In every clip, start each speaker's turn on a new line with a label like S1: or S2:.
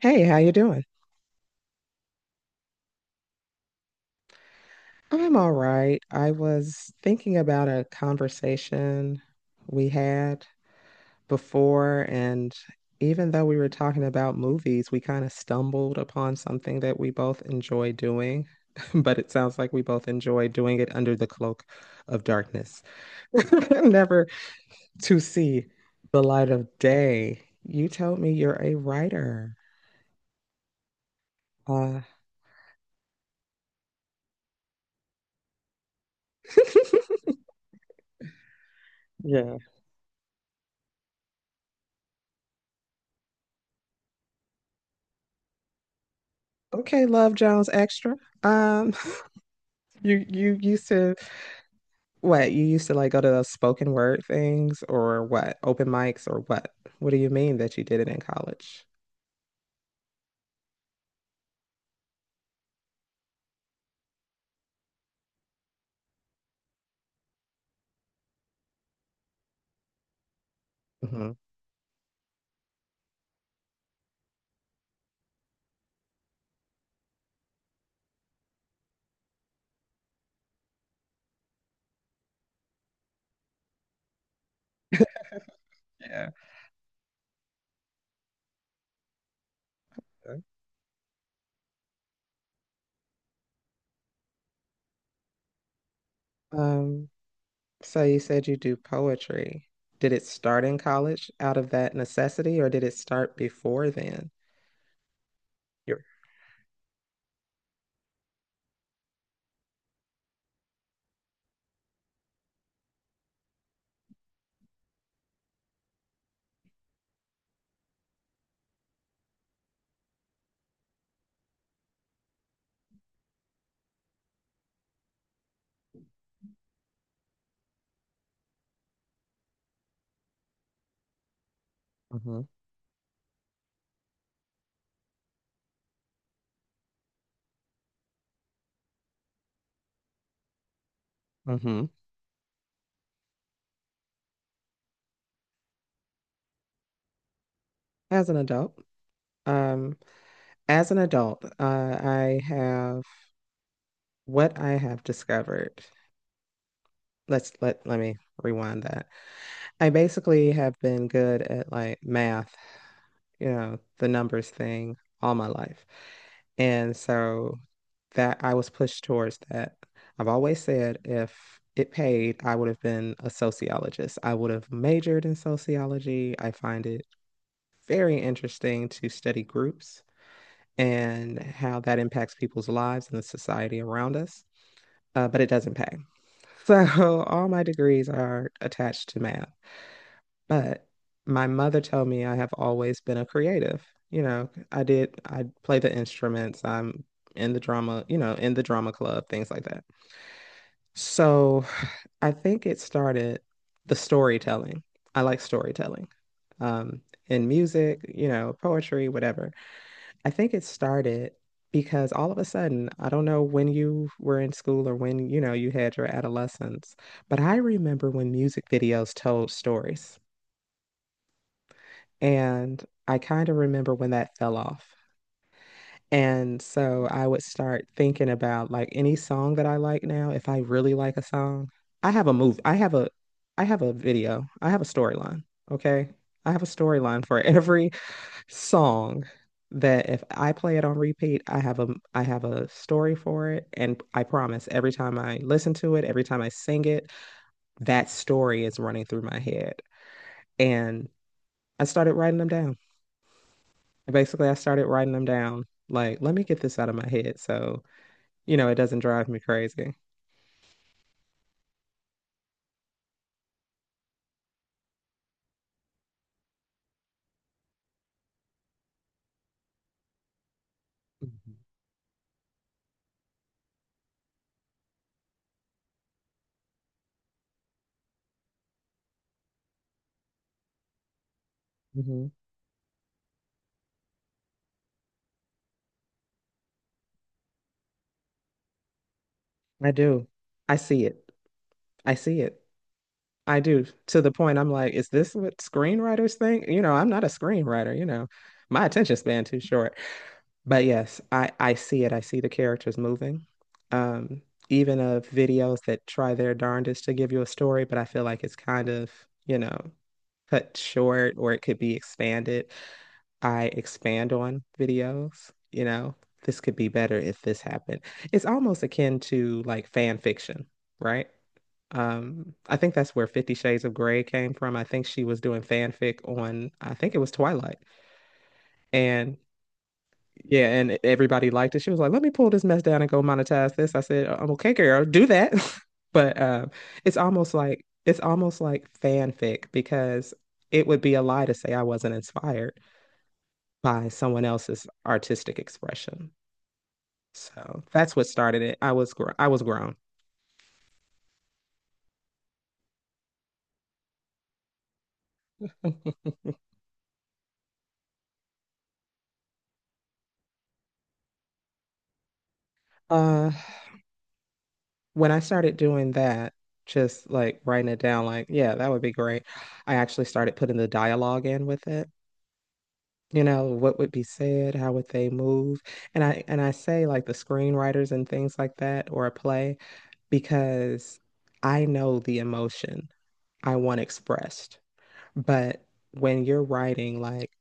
S1: Hey, how you doing? I'm all right. I was thinking about a conversation we had before, and even though we were talking about movies, we kind of stumbled upon something that we both enjoy doing, but it sounds like we both enjoy doing it under the cloak of darkness, never to see the light of day. You told me you're a writer. Uh, yeah. Okay, Love Jones Extra. Um, you used to what? You used to like go to those spoken word things or what? Open mics or what? What do you mean that you did it in college? hmm Yeah. Um, so you said you do poetry. Did it start in college out of that necessity or did it start before then? Mm-hmm. Mm-hmm. As an adult, um, as an adult, I have what I have discovered let me rewind that. I basically have been good at like math, you know, the numbers thing all my life. And so that I was pushed towards that. I've always said if it paid, I would have been a sociologist. I would have majored in sociology. I find it very interesting to study groups and how that impacts people's lives and the society around us. But it doesn't pay. So all my degrees are attached to math. But my mother told me I have always been a creative. You know, I did, I play the instruments, I'm in the drama, you know, in the drama club, things like that. So I think it started the storytelling. I like storytelling. Um, in music, you know, poetry, whatever. I think it started because all of a sudden, I don't know when you were in school or when, you know, you had your adolescence, but I remember when music videos told stories. And I kind of remember when that fell off. And so I would start thinking about like any song that I like now, if I really like a song, I have a move, I have a video. I have a storyline, okay? I have a storyline for every song that if I play it on repeat, I have a story for it and I promise every time I listen to it, every time I sing it, that story is running through my head. And I started writing them down. And basically, I started writing them down. Like, let me get this out of my head so, you know, it doesn't drive me crazy. Mm-hmm. I do. I see it. I see it. I do. To the point I'm like, is this what screenwriters think? You know, I'm not a screenwriter, you know. My attention span too short. But yes, I see it. I see the characters moving. Um, Even of videos that try their darndest to give you a story, but I feel like it's kind of, you know, cut short or it could be expanded. I expand on videos, you know, this could be better if this happened. It's almost akin to like fan fiction, right? I think that's where Fifty Shades of Grey came from. I think she was doing fanfic on, I think it was Twilight. And yeah, and everybody liked it. She was like, let me pull this mess down and go monetize this. I said, I'm okay, girl, do that. But it's almost like fanfic because it would be a lie to say I wasn't inspired by someone else's artistic expression. So that's what started it. I was grown. Uh, when I started doing that, just like writing it down, like, yeah, that would be great. I actually started putting the dialogue in with it. You know, what would be said, how would they move? And I say like the screenwriters and things like that or a play because I know the emotion I want expressed. But when you're writing like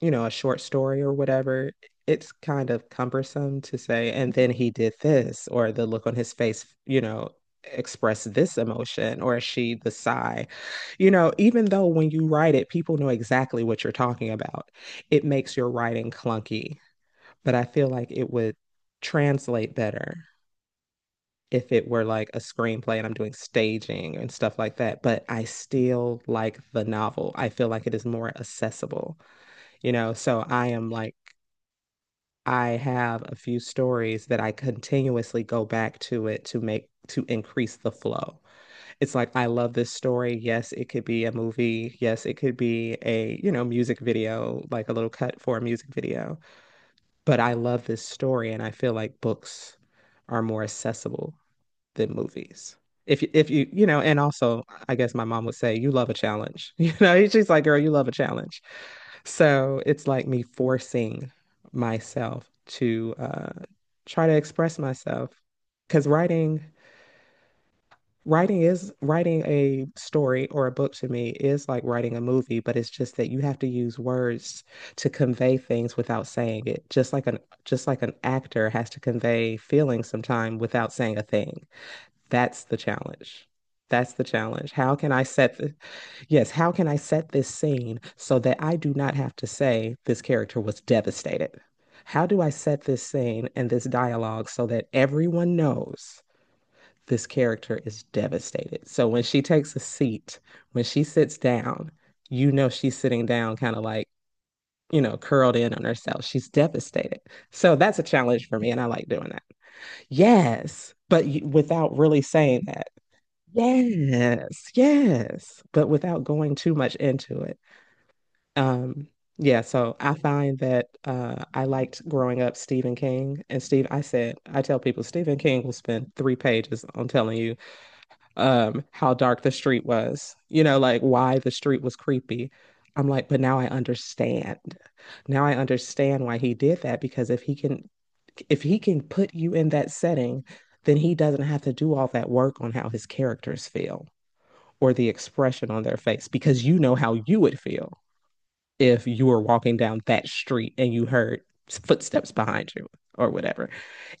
S1: you know, a short story or whatever, it's kind of cumbersome to say, and then he did this, or the look on his face, you know, expressed this emotion, or she, the sigh. You know, even though when you write it, people know exactly what you're talking about, it makes your writing clunky. But I feel like it would translate better if it were like a screenplay and I'm doing staging and stuff like that. But I still like the novel. I feel like it is more accessible, you know? So I am like, I have a few stories that I continuously go back to it to make to increase the flow. It's like I love this story. Yes, it could be a movie. Yes, it could be a, you know, music video, like a little cut for a music video. But I love this story and I feel like books are more accessible than movies. If you, you know, and also I guess my mom would say you love a challenge. You know, she's like, girl, you love a challenge. So it's like me forcing myself to try to express myself because writing a story or a book to me is like writing a movie, but it's just that you have to use words to convey things without saying it. Just like an actor has to convey feelings sometime without saying a thing. That's the challenge. That's the challenge. How can I set the, Yes, how can I set this scene so that I do not have to say this character was devastated? How do I set this scene and this dialogue so that everyone knows this character is devastated? So when she takes a seat, when she sits down, you know she's sitting down kind of like, you know, curled in on herself. She's devastated. So that's a challenge for me, and I like doing that. Yes, but you, without really saying that. Yes, yes, but without going too much into it. Um, yeah, so I find that I liked growing up Stephen King. And Steve, I said, I tell people Stephen King will spend three pages on telling you how dark the street was, you know, like why the street was creepy. I'm like, but now I understand. Now I understand why he did that because if he can put you in that setting, then he doesn't have to do all that work on how his characters feel or the expression on their face because you know how you would feel if you were walking down that street and you heard footsteps behind you or whatever.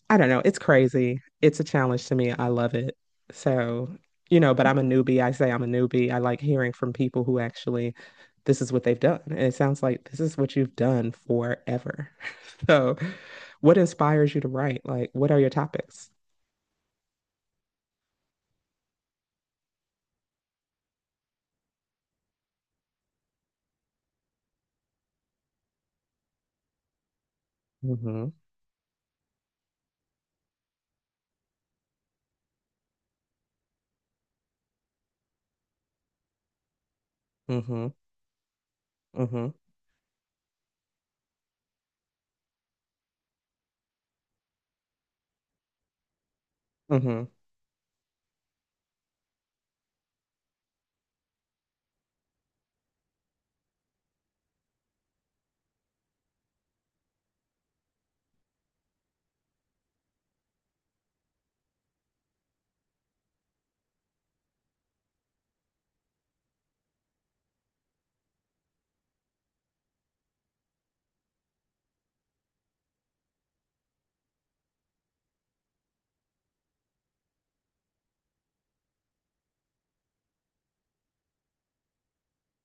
S1: I don't know. It's crazy. It's a challenge to me. I love it. So, you know, but I'm a newbie. I say I'm a newbie. I like hearing from people who actually this is what they've done. And it sounds like this is what you've done forever. So, what inspires you to write? Like, what are your topics? Mm-hmm. Mm-hmm. Mm-hmm. Mm-hmm.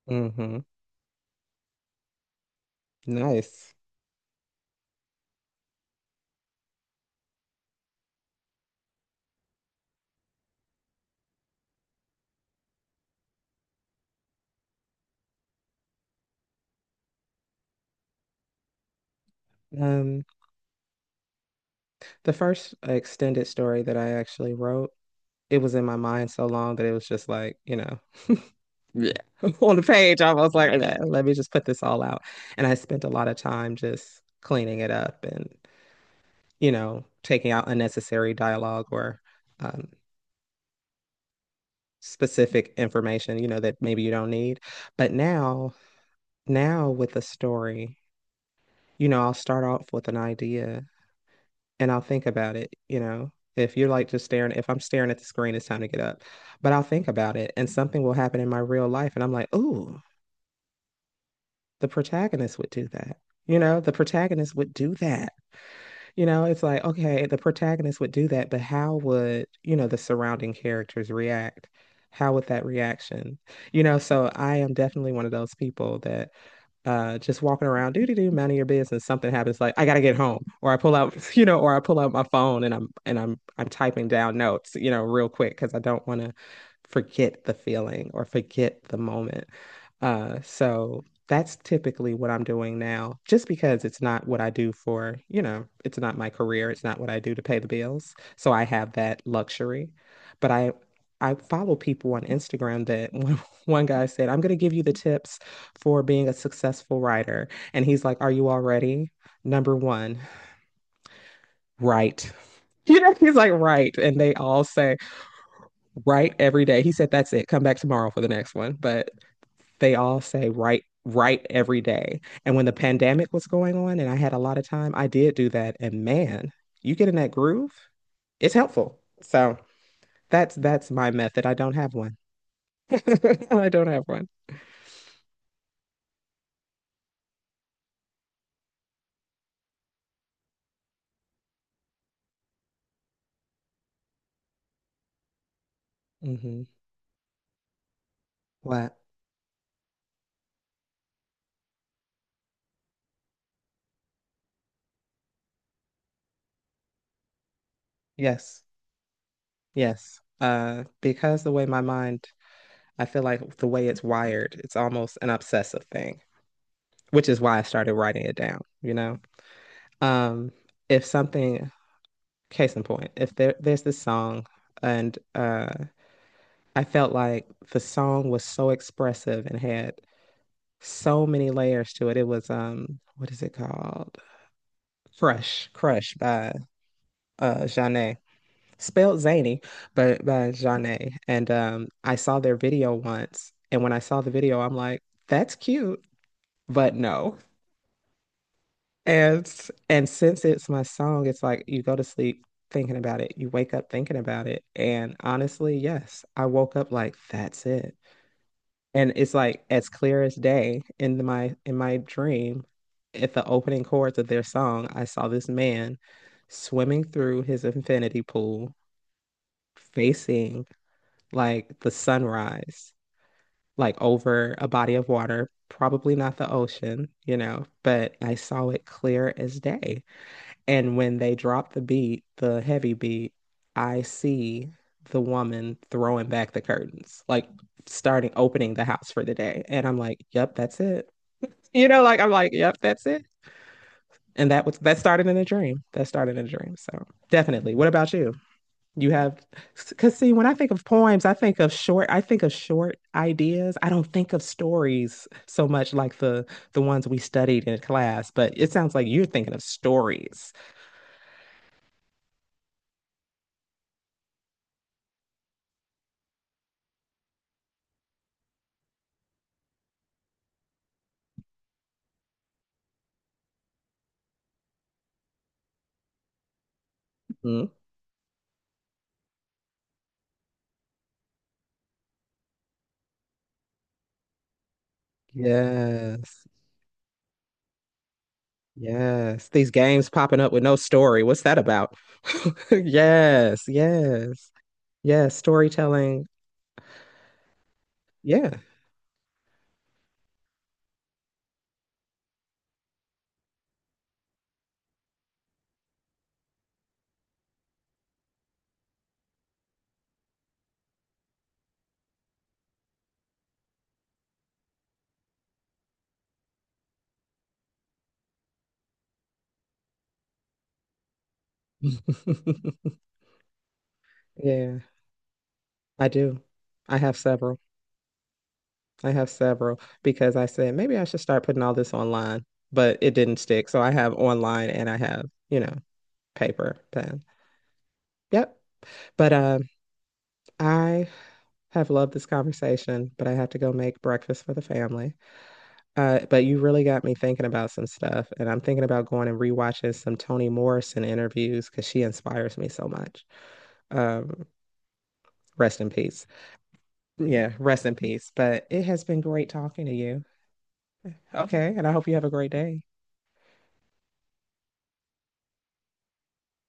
S1: Mm-hmm. Nice. Um, the first extended story that I actually wrote it was in my mind so long that it was just like, you know, Yeah. on the page, I was like, "Nah, let me just put this all out. And I spent a lot of time just cleaning it up and, you know, taking out unnecessary dialogue or um, specific information, you know, that maybe you don't need. But now, now with a story, you know, I'll start off with an idea and I'll think about it, you know. If you're like just staring, if I'm staring at the screen, it's time to get up. But I'll think about it and something will happen in my real life. And I'm like, ooh, the protagonist would do that. You know, the protagonist would do that. You know, it's like, okay, the protagonist would do that, but how would, you know, the surrounding characters react? How would that reaction? You know, so I am definitely one of those people that just walking around do do do, minding your business something happens like I gotta get home or I pull out you know or I pull out my phone and I'm typing down notes you know real quick because I don't want to forget the feeling or forget the moment so that's typically what I'm doing now just because it's not what I do for you know it's not my career it's not what I do to pay the bills so I have that luxury but I follow people on Instagram that one guy said, I'm going to give you the tips for being a successful writer. And he's like, are you all ready? Number one, write. You know, he's like, write. And they all say, write every day. He said, that's it. Come back tomorrow for the next one. But they all say, write, write every day. And when the pandemic was going on and I had a lot of time, I did do that. And man, you get in that groove, it's helpful. So that's my method. I don't have one. I don't have one. Hmm What? Yes. Yes. Because the way my mind, I feel like the way it's wired, it's almost an obsessive thing, which is why I started writing it down, you know? Um, if something, case in point, if there's this song and I felt like the song was so expressive and had so many layers to it. It was what is it called? Crush by Janae. Spelled zany, but by Janae. And I saw their video once, and when I saw the video, I'm like, that's cute, but no. And since it's my song, it's like you go to sleep thinking about it, you wake up thinking about it. And honestly, yes, I woke up like, that's it. And it's like as clear as day in my dream at the opening chords of their song. I saw this man swimming through his infinity pool facing like the sunrise, like over a body of water, probably not the ocean, you know, but I saw it clear as day. And when they drop the beat, the heavy beat, I see the woman throwing back the curtains, like starting opening the house for the day. And I'm like, yep, that's it. You know, like I'm like, yep, that's it. And that was that started in a dream. That started in a dream. So definitely. What about you? You have, because see, when I think of poems, I think of short. I think of short ideas. I don't think of stories so much like the ones we studied in class. But it sounds like you're thinking of stories. Hmm. Yes. Yes. These games popping up with no story. What's that about? Yes. Yes. Yes. Storytelling. Yeah. Yeah, I do. I have several. I have several because I said maybe I should start putting all this online, but it didn't stick. So I have online and I have, you know, paper pen. Yep. But I have loved this conversation, but I have to go make breakfast for the family. But you really got me thinking about some stuff, and I'm thinking about going and rewatching some Toni Morrison interviews because she inspires me so much. Um, Rest in peace. Yeah, rest in peace. But it has been great talking to you. Okay, and I hope you have a great day.